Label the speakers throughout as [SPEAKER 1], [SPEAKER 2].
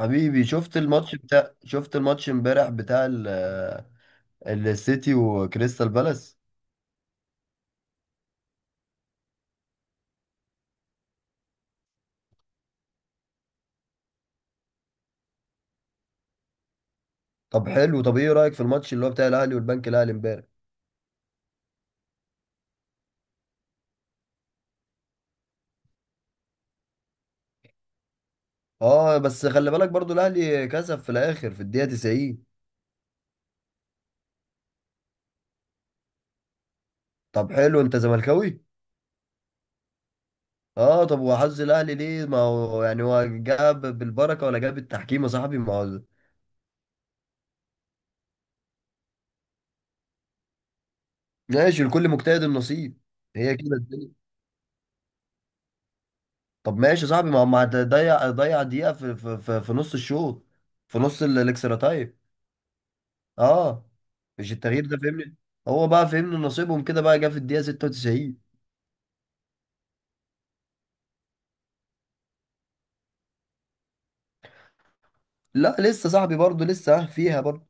[SPEAKER 1] حبيبي، شفت الماتش امبارح بتاع ال- السيتي وكريستال بالاس. طب حلو، طب ايه رأيك في الماتش اللي هو بتاع الاهلي والبنك الاهلي امبارح؟ اه بس خلي بالك برضو الاهلي كسب في الاخر في الدقيقة 90. طب حلو، انت زملكاوي؟ اه طب وحظ الاهلي ليه؟ ما هو يعني هو جاب بالبركة ولا جاب التحكيم يا صاحبي؟ ما هو ماشي، لكل مجتهد النصيب. هي كده الدنيا. طب ماشي يا صاحبي، ما هو ما ضيع دقيقة في نص الشوط، في نص الاكسترا تايم. اه، مش التغيير ده فهمني، هو بقى فهمني نصيبهم كده بقى، جه في الدقيقه 96. لا لسه صاحبي برضه، لسه فيها برضه.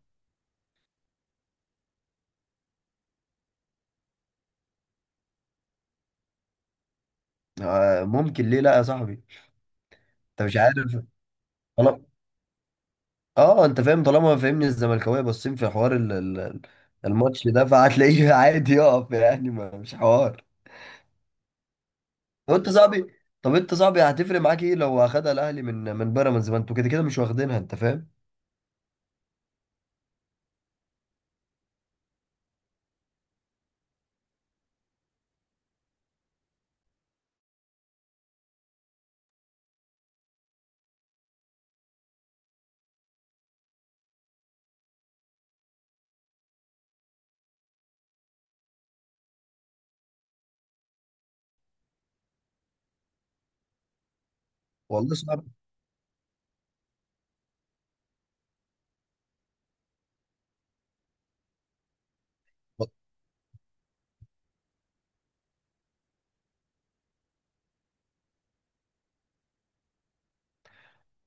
[SPEAKER 1] آه ممكن، ليه لا يا صاحبي؟ انت مش عارف. طالما، اه انت فاهم، طالما فهمني الزملكاويه باصين في حوار ال... ال- ال- الماتش ده، فهتلاقيه عادي يقف، يعني ما مش حوار. طب انت صاحبي، طب انت صاحبي هتفرق معاك ايه لو اخدها الاهلي من بيراميدز؟ ما انتوا كده كده مش واخدينها، انت فاهم. والله صعب.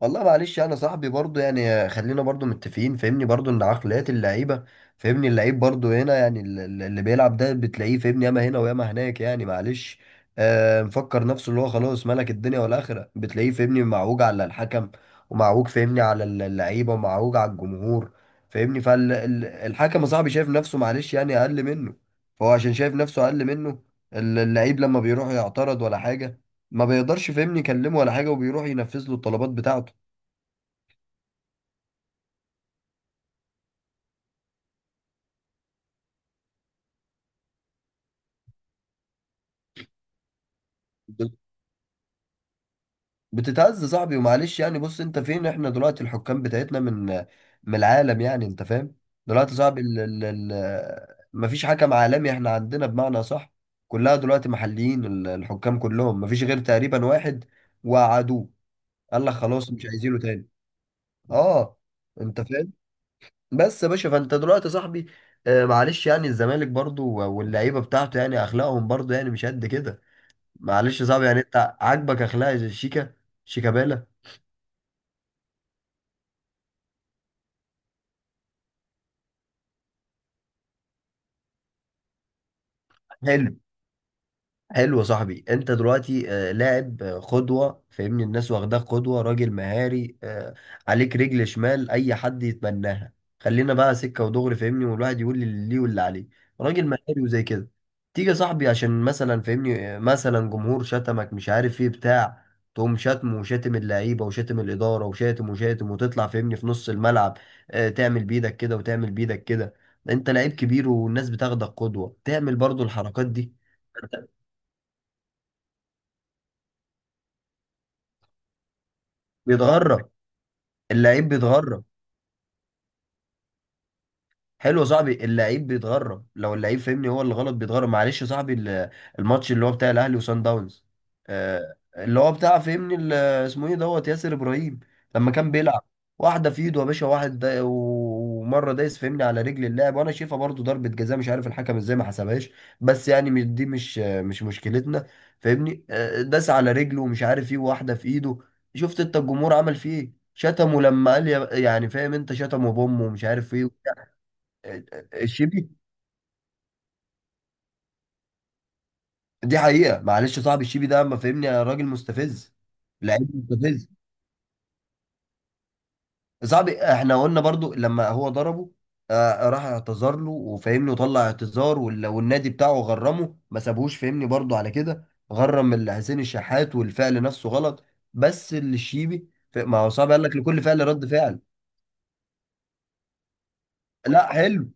[SPEAKER 1] والله معلش انا صاحبي برضو، يعني خلينا برضو متفقين، فاهمني برضو ان عقليات اللعيبه، فاهمني اللعيب برضو هنا، يعني ال- ال- اللي بيلعب ده بتلاقيه فاهمني ياما هنا وياما هناك، يعني معلش. آه، مفكر نفسه اللي هو خلاص ملك الدنيا والاخره، بتلاقيه فاهمني معوج على الحكم، ومعوج فاهمني على ال- اللعيبه، ومعوج على الجمهور. فاهمني، فالحكم يا صاحبي شايف نفسه معلش يعني اقل منه، فهو عشان شايف نفسه اقل منه، ال- اللعيب لما بيروح يعترض ولا حاجه ما بيقدرش فاهمني يكلمه ولا حاجه، وبيروح ينفذ له الطلبات بتاعته. بتتهز صاحبي، ومعلش يعني بص، انت فين احنا دلوقتي؟ الحكام بتاعتنا من من العالم يعني، انت فاهم؟ دلوقتي صاحبي ال مفيش حكم عالمي احنا عندنا بمعنى صح، كلها دلوقتي محليين، ال- الحكام كلهم مفيش غير تقريبا واحد وقعدوه، قال لك خلاص مش عايزينه تاني. اه، انت فاهم. بس يا باشا، فانت دلوقتي صاحبي، آه معلش يعني الزمالك برضو واللعيبه بتاعته يعني اخلاقهم برضو يعني مش قد كده. معلش يا صاحبي، يعني انت عاجبك اخلاق شيكابالا حلو. حلو يا صاحبي، انت دلوقتي آه، لاعب، آه، قدوة، فاهمني الناس واخداك قدوة، راجل مهاري، آه، عليك رجل شمال اي حد يتمناها. خلينا بقى سكة ودغري، فاهمني والواحد يقول لي اللي ليه واللي عليه. راجل مهاري وزي كده. تيجي يا صاحبي عشان مثلا فاهمني، آه، مثلا جمهور شتمك مش عارف ايه بتاع، تقوم شتم وشاتم اللعيبة وشاتم الإدارة وشاتم وشاتم، وتطلع فاهمني في نص الملعب، آه، تعمل بإيدك كده وتعمل بإيدك كده. انت لعيب كبير والناس بتاخدك قدوة، تعمل برضو الحركات دي. بيتغرب، اللعيب بيتغرب. حلو يا صاحبي، اللعيب بيتغرب لو اللعيب فهمني هو اللي غلط بيتغرب. معلش يا صاحبي، ال- الماتش اللي هو بتاع الاهلي وصن داونز، آه، اللي هو بتاع فهمني ال- اسمه ايه دوت، ياسر ابراهيم، لما كان بيلعب، واحده في ايده يا باشا، واحد دا ومره دايس فهمني على رجل اللاعب، وانا شايفها برضو ضربه جزاء، مش عارف الحكم ازاي ما حسبهاش. بس يعني مش- دي مش مشكلتنا. فاهمني، آه، داس على رجله ومش عارف ايه، واحده في ايده. شفت انت الجمهور عمل فيه ايه؟ شتمه لما قال يا- يعني فاهم انت، شتمه بامه ومش عارف ايه. الشيبي؟ دي حقيقة، معلش صاحب، الشيبي ده ما فهمني يا راجل مستفز، لعيب مستفز. صاحبي، احنا قلنا برضو لما هو ضربه، آه، راح اعتذر له وفهمني، وطلع اعتذار، وال- والنادي بتاعه غرمه، ما سابهوش فهمني برضو على كده، غرم ال- حسين الشحات، والفعل نفسه غلط. بس الشيبي ف- ما هو صعب، قال لك لكل فعل رد فعل. لا حلو.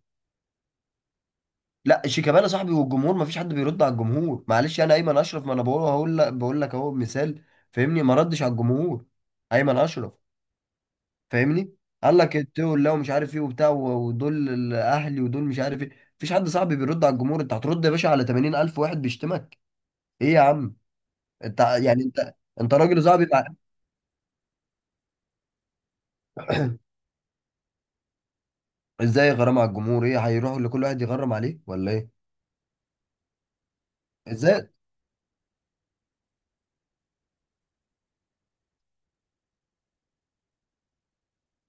[SPEAKER 1] لا، شيكابالا صاحبي والجمهور، ما فيش حد بيرد على الجمهور. معلش انا ايمن اشرف، ما انا بقول، هقول لك، بقول لك اهو مثال، فاهمني ما ردش على الجمهور. ايمن اشرف، فاهمني، قال لك التول لا، ومش عارف ايه وبتاع، و- ودول الاهلي ودول مش عارف ايه. مفيش حد صاحبي بيرد على الجمهور، انت هترد يا باشا على 80,000 واحد بيشتمك؟ ايه يا عم؟ انت يعني انت راجل صاحبي، مع... ازاي غرام على الجمهور؟ ايه، هيروحوا لكل واحد يغرم عليه ولا ايه؟ ازاي؟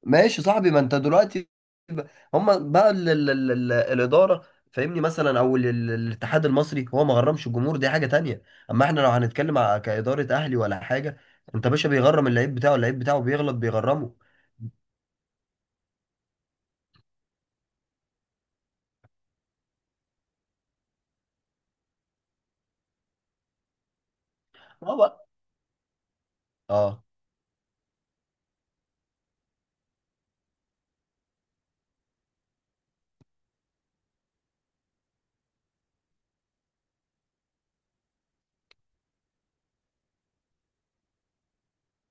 [SPEAKER 1] ماشي يا صاحبي، ما انت دلوقتي، ب-، هما بقى ال الاداره، فاهمني، مثلا، او ال الاتحاد المصري، هو ما غرمش الجمهور، دي حاجه تانية. اما احنا لو هنتكلم ع- كاداره اهلي ولا حاجه، انت باشا بيغرم اللعيب بتاعه، اللعيب بتاعه بيغلط بيغرمه. اه بقى. اه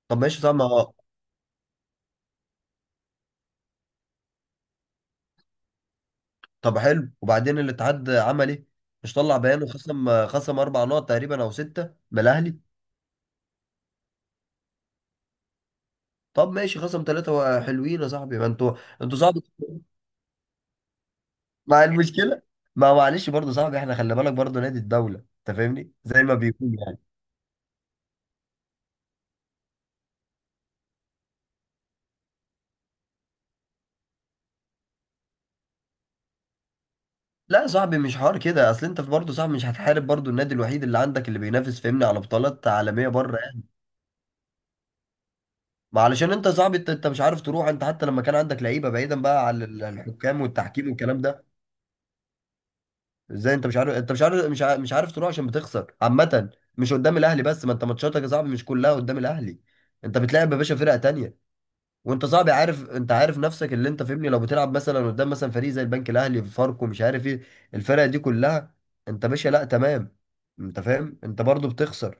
[SPEAKER 1] طب ماشي صح، ما هو-. طب حلو، وبعدين الاتحاد عمل ايه؟ مش طلع بيان وخصم اربع نقط تقريبا او سته من الاهلي؟ طب ماشي، خصم ثلاثه حلوين يا صاحبي، ما انتوا، انتوا صعب مع المشكله. ما معلش برضه صاحبي، احنا خلي بالك برضه نادي الدوله، انت فاهمني زي ما بيكون يعني. لا يا صاحبي، مش حوار كده، اصل انت في برضه صاحبي، مش هتحارب برضه النادي الوحيد اللي عندك اللي بينافس فاهمني على بطولات عالميه بره يعني. ما علشان انت يا صاحبي، انت مش عارف تروح، انت حتى لما كان عندك لعيبه، بعيدا بقى عن ال- الحكام والتحكيم والكلام ده. ازاي انت مش عارف؟ انت مش عارف، مش عارف تروح، عشان بتخسر عامه، مش قدام الاهلي بس. ما انت ماتشاتك يا صاحبي مش كلها قدام الاهلي. انت بتلعب يا باشا فرقه تانيه، وانت صعب، عارف، انت عارف نفسك اللي انت فاهمني، لو بتلعب مثلا قدام مثلا فريق زي البنك الاهلي، فاركو، مش عارف ايه، الفرق دي كلها، انت باشا لا تمام، انت فاهم، انت برضو بتخسر.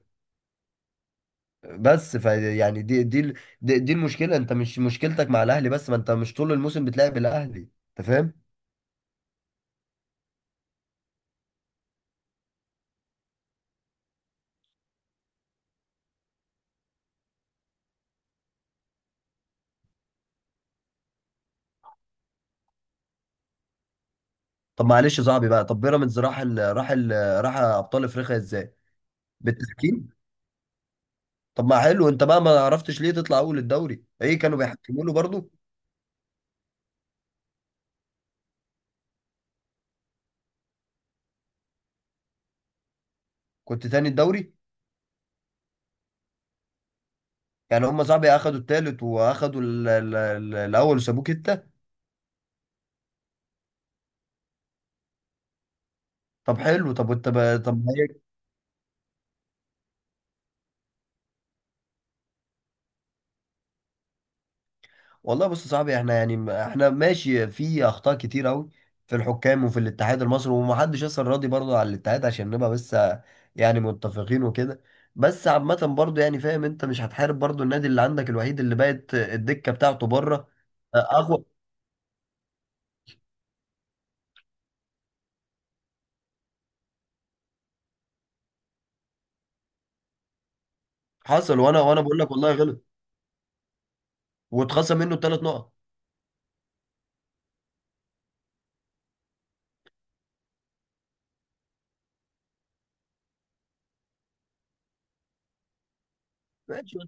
[SPEAKER 1] بس ف يعني دي ال- دي المشكله. انت مش مشكلتك مع الاهلي بس، ما انت مش طول الموسم بتلعب الاهلي. انت فاهم. طب معلش يا صاحبي بقى، طب بيراميدز راح ال... راح ال... راح ابطال افريقيا ازاي؟ بالتحكيم. طب ما حلو، انت بقى ما عرفتش ليه تطلع اول الدوري؟ ايه، كانوا بيحكموا له برضو؟ كنت تاني الدوري. يعني هم صاحبي اخدوا التالت، واخدوا ال- ال- ال- الاول، وسابوه كده. طب حلو، طب وانت ب- طب هيك. والله بص يا صاحبي، احنا يعني م- احنا ماشي في اخطاء كتير قوي، في الحكام وفي الاتحاد المصري، ومحدش اصلا راضي برضه على الاتحاد، عشان نبقى بس يعني متفقين وكده. بس عامة برضه يعني فاهم، انت مش هتحارب برضه النادي اللي عندك الوحيد اللي بقت الدكة بتاعته بره. اه، اقوى. حصل، وانا بقول لك والله غلط، واتخصم منه الثلاث نقط. ماشي.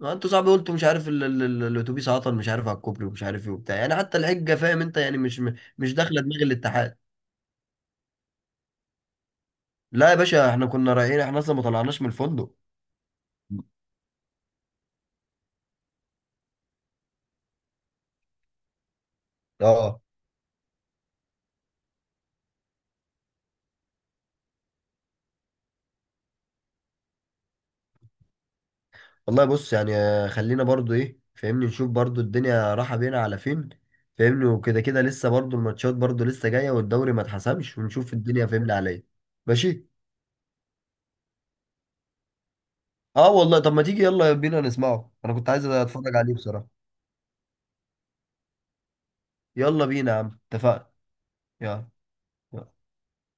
[SPEAKER 1] ما انتوا صعب، قلتوا مش عارف ال- ال- ال- الاتوبيس عطل، مش عارف على الكوبري، ومش عارف ايه وبتاع يعني، حتى الحجه فاهم انت يعني مش، مش داخله دماغ الاتحاد. لا يا باشا، احنا كنا رايحين، احنا اصلا ما طلعناش من الفندق. اه والله بص يعني، آه، خلينا برضو ايه، فاهمني نشوف برضو الدنيا رايحه بينا على فين، فاهمني، وكده كده لسه برضو الماتشات برضو لسه جايه، والدوري ما اتحسمش، ونشوف الدنيا فاهمني على ايه. ماشي. اه والله، طب ما تيجي يلا بينا نسمعه، انا كنت عايز اتفرج عليه بصراحه. يلا بينا يا عم، اتفقنا. يلا.